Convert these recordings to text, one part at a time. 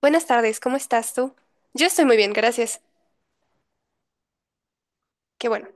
Buenas tardes, ¿cómo estás tú? Yo estoy muy bien, gracias. Qué bueno.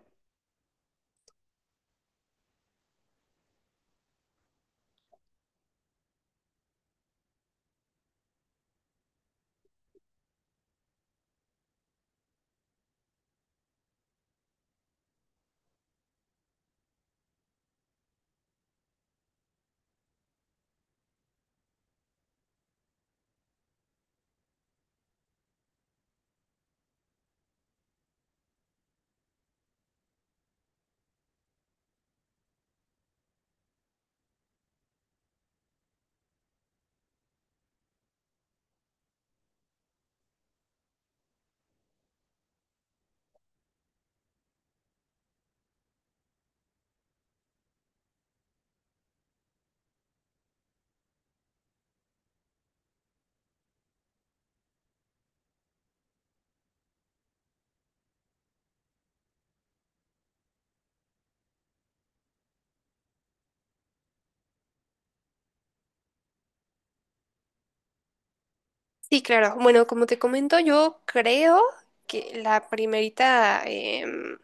Sí, claro. Bueno, como te comento, yo creo que la primerita,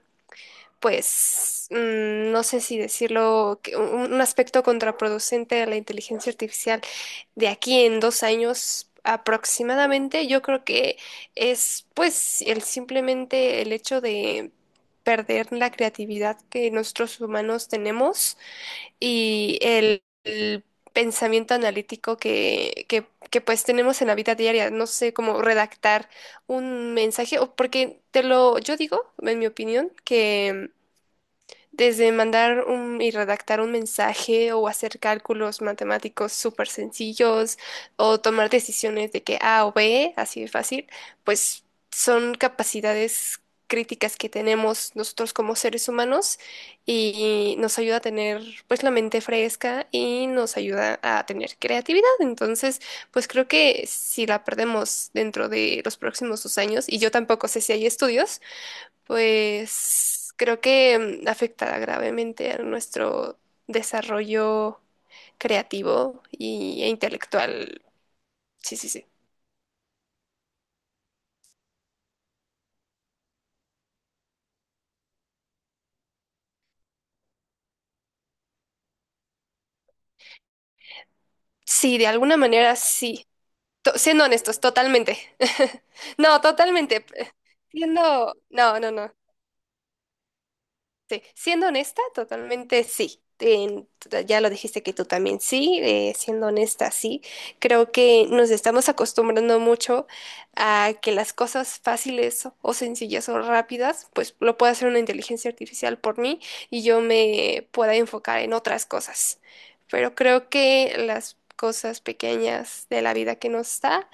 pues, no sé si decirlo, que un aspecto contraproducente de la inteligencia artificial de aquí en 2 años aproximadamente, yo creo que es, pues, el simplemente el hecho de perder la creatividad que nosotros humanos tenemos y el pensamiento analítico que pues tenemos en la vida diaria. No sé cómo redactar un mensaje, o porque te lo, yo digo, en mi opinión, que desde mandar un, y redactar un mensaje o hacer cálculos matemáticos súper sencillos o tomar decisiones de que A o B, así de fácil, pues son capacidades críticas que tenemos nosotros como seres humanos y nos ayuda a tener pues la mente fresca y nos ayuda a tener creatividad. Entonces, pues creo que si la perdemos dentro de los próximos 2 años, y yo tampoco sé si hay estudios, pues creo que afectará gravemente a nuestro desarrollo creativo e intelectual. Sí, sí, sí. Sí, de alguna manera sí. Siendo honestos, totalmente. No, totalmente. No, no, no. Sí, siendo honesta, totalmente sí. Ya lo dijiste que tú también sí, siendo honesta, sí. Creo que nos estamos acostumbrando mucho a que las cosas fáciles o sencillas o rápidas, pues lo puede hacer una inteligencia artificial por mí y yo me pueda enfocar en otras cosas. Pero creo que las cosas pequeñas de la vida que nos da,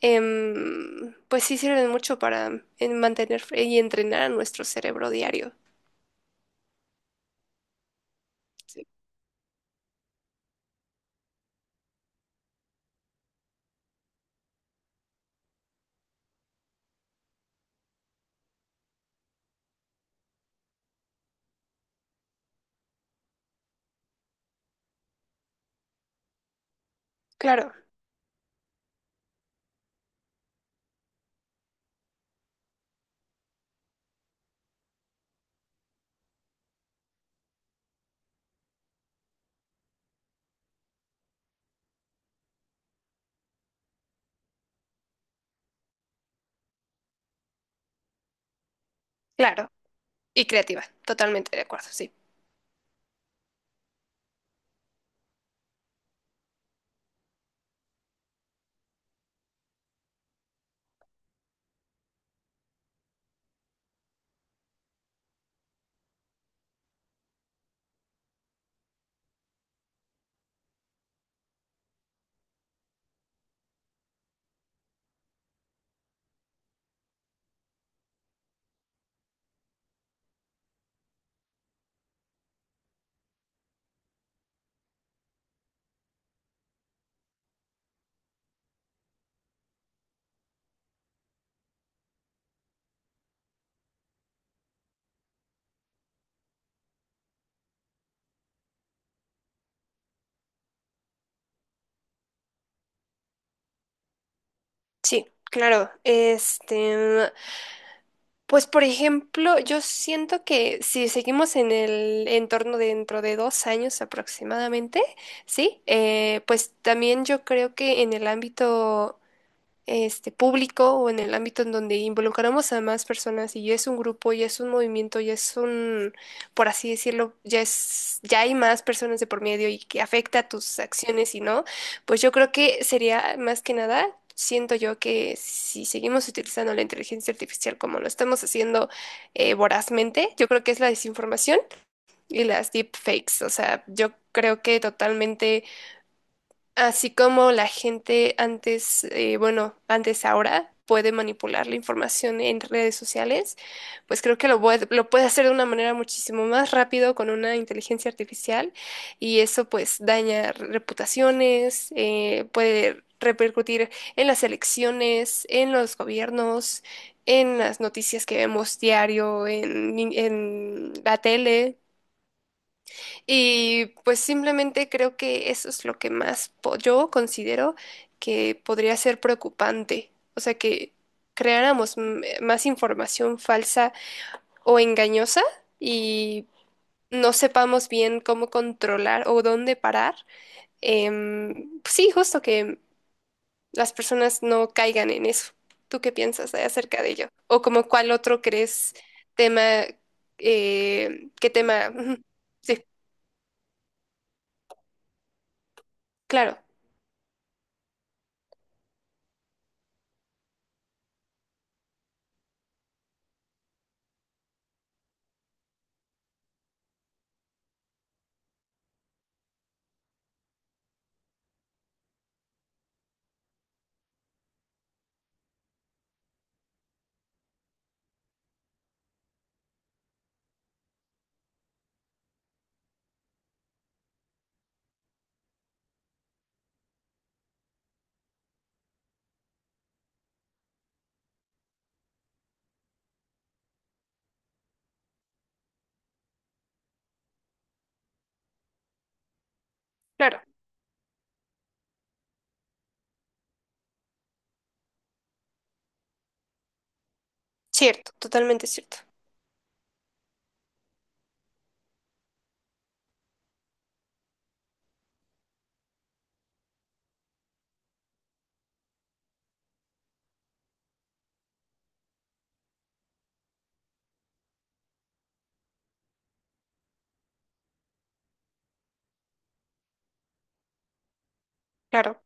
pues sí sirven mucho para mantener y entrenar a nuestro cerebro diario. Sí. Claro. Claro, y creativa, totalmente de acuerdo, sí. Sí, claro. Este, pues por ejemplo, yo siento que si seguimos en el entorno dentro de 2 años aproximadamente, sí. Pues también yo creo que en el ámbito este, público, o en el ámbito en donde involucramos a más personas y ya es un grupo, ya es un movimiento, por así decirlo, ya es, ya hay más personas de por medio y que afecta tus acciones y no, pues yo creo que sería más que nada, siento yo que si seguimos utilizando la inteligencia artificial como lo estamos haciendo vorazmente, yo creo que es la desinformación y las deepfakes. O sea, yo creo que totalmente. Así como la gente antes, bueno, antes ahora puede manipular la información en redes sociales, pues creo que lo puede hacer de una manera muchísimo más rápido con una inteligencia artificial, y eso pues daña reputaciones, puede repercutir en las elecciones, en los gobiernos, en las noticias que vemos diario, en la tele. Y pues simplemente creo que eso es lo que más yo considero que podría ser preocupante. O sea, que creáramos más información falsa o engañosa y no sepamos bien cómo controlar o dónde parar. Pues sí, justo que las personas no caigan en eso. ¿Tú qué piensas acerca de ello? ¿O como cuál otro crees tema, qué tema? Ujú. Sí, claro, claro. Cierto, totalmente cierto. Claro.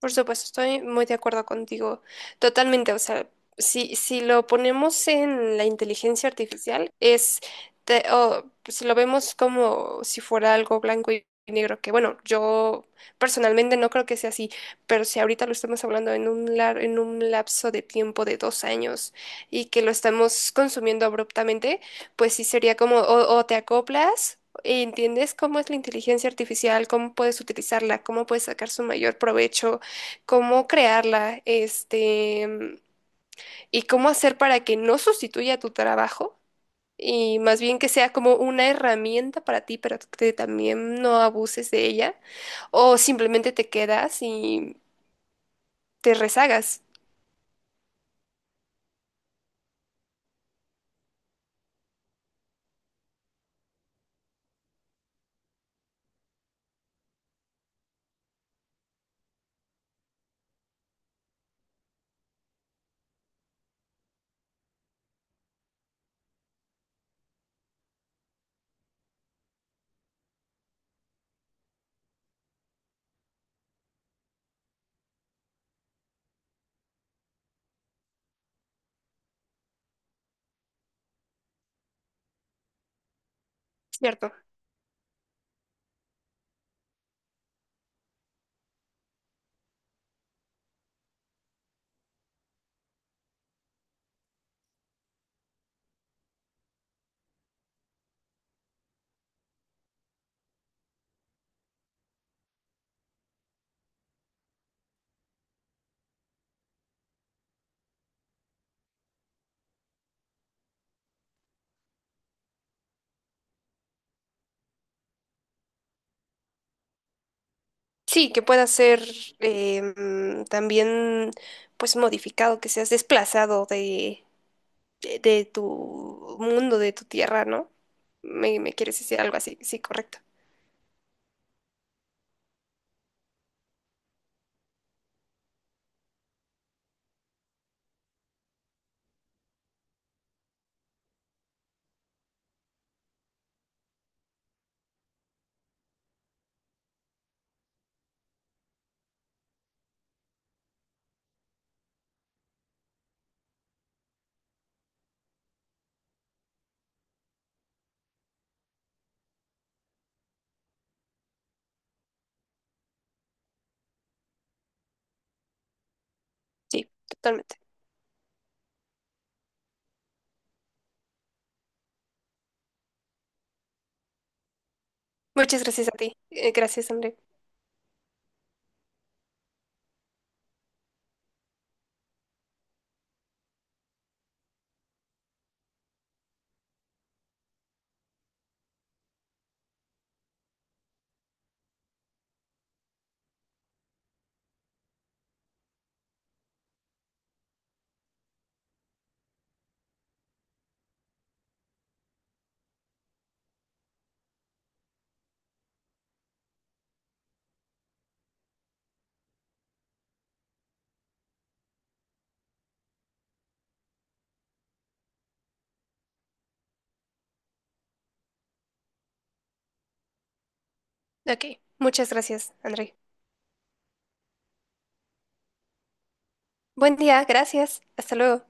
Por supuesto, estoy muy de acuerdo contigo, totalmente. O sea, si lo ponemos en la inteligencia artificial, es, o si lo vemos como si fuera algo blanco y negro, que bueno, yo personalmente no creo que sea así, pero si ahorita lo estamos hablando en un, en un lapso de tiempo de 2 años, y que lo estamos consumiendo abruptamente, pues sí sería como o te acoplas. ¿Entiendes cómo es la inteligencia artificial? ¿Cómo puedes utilizarla? ¿Cómo puedes sacar su mayor provecho? Cómo crearla, este, y cómo hacer para que no sustituya tu trabajo y más bien que sea como una herramienta para ti, pero que también no abuses de ella o simplemente te quedas y te rezagas, ¿cierto? Sí, que pueda ser también pues modificado, que seas desplazado de, de tu mundo, de tu tierra, ¿no? Me quieres decir algo así, sí, correcto. Sí, totalmente. Muchas gracias a ti. Gracias, André. Ok, muchas gracias, André. Buen día, gracias. Hasta luego.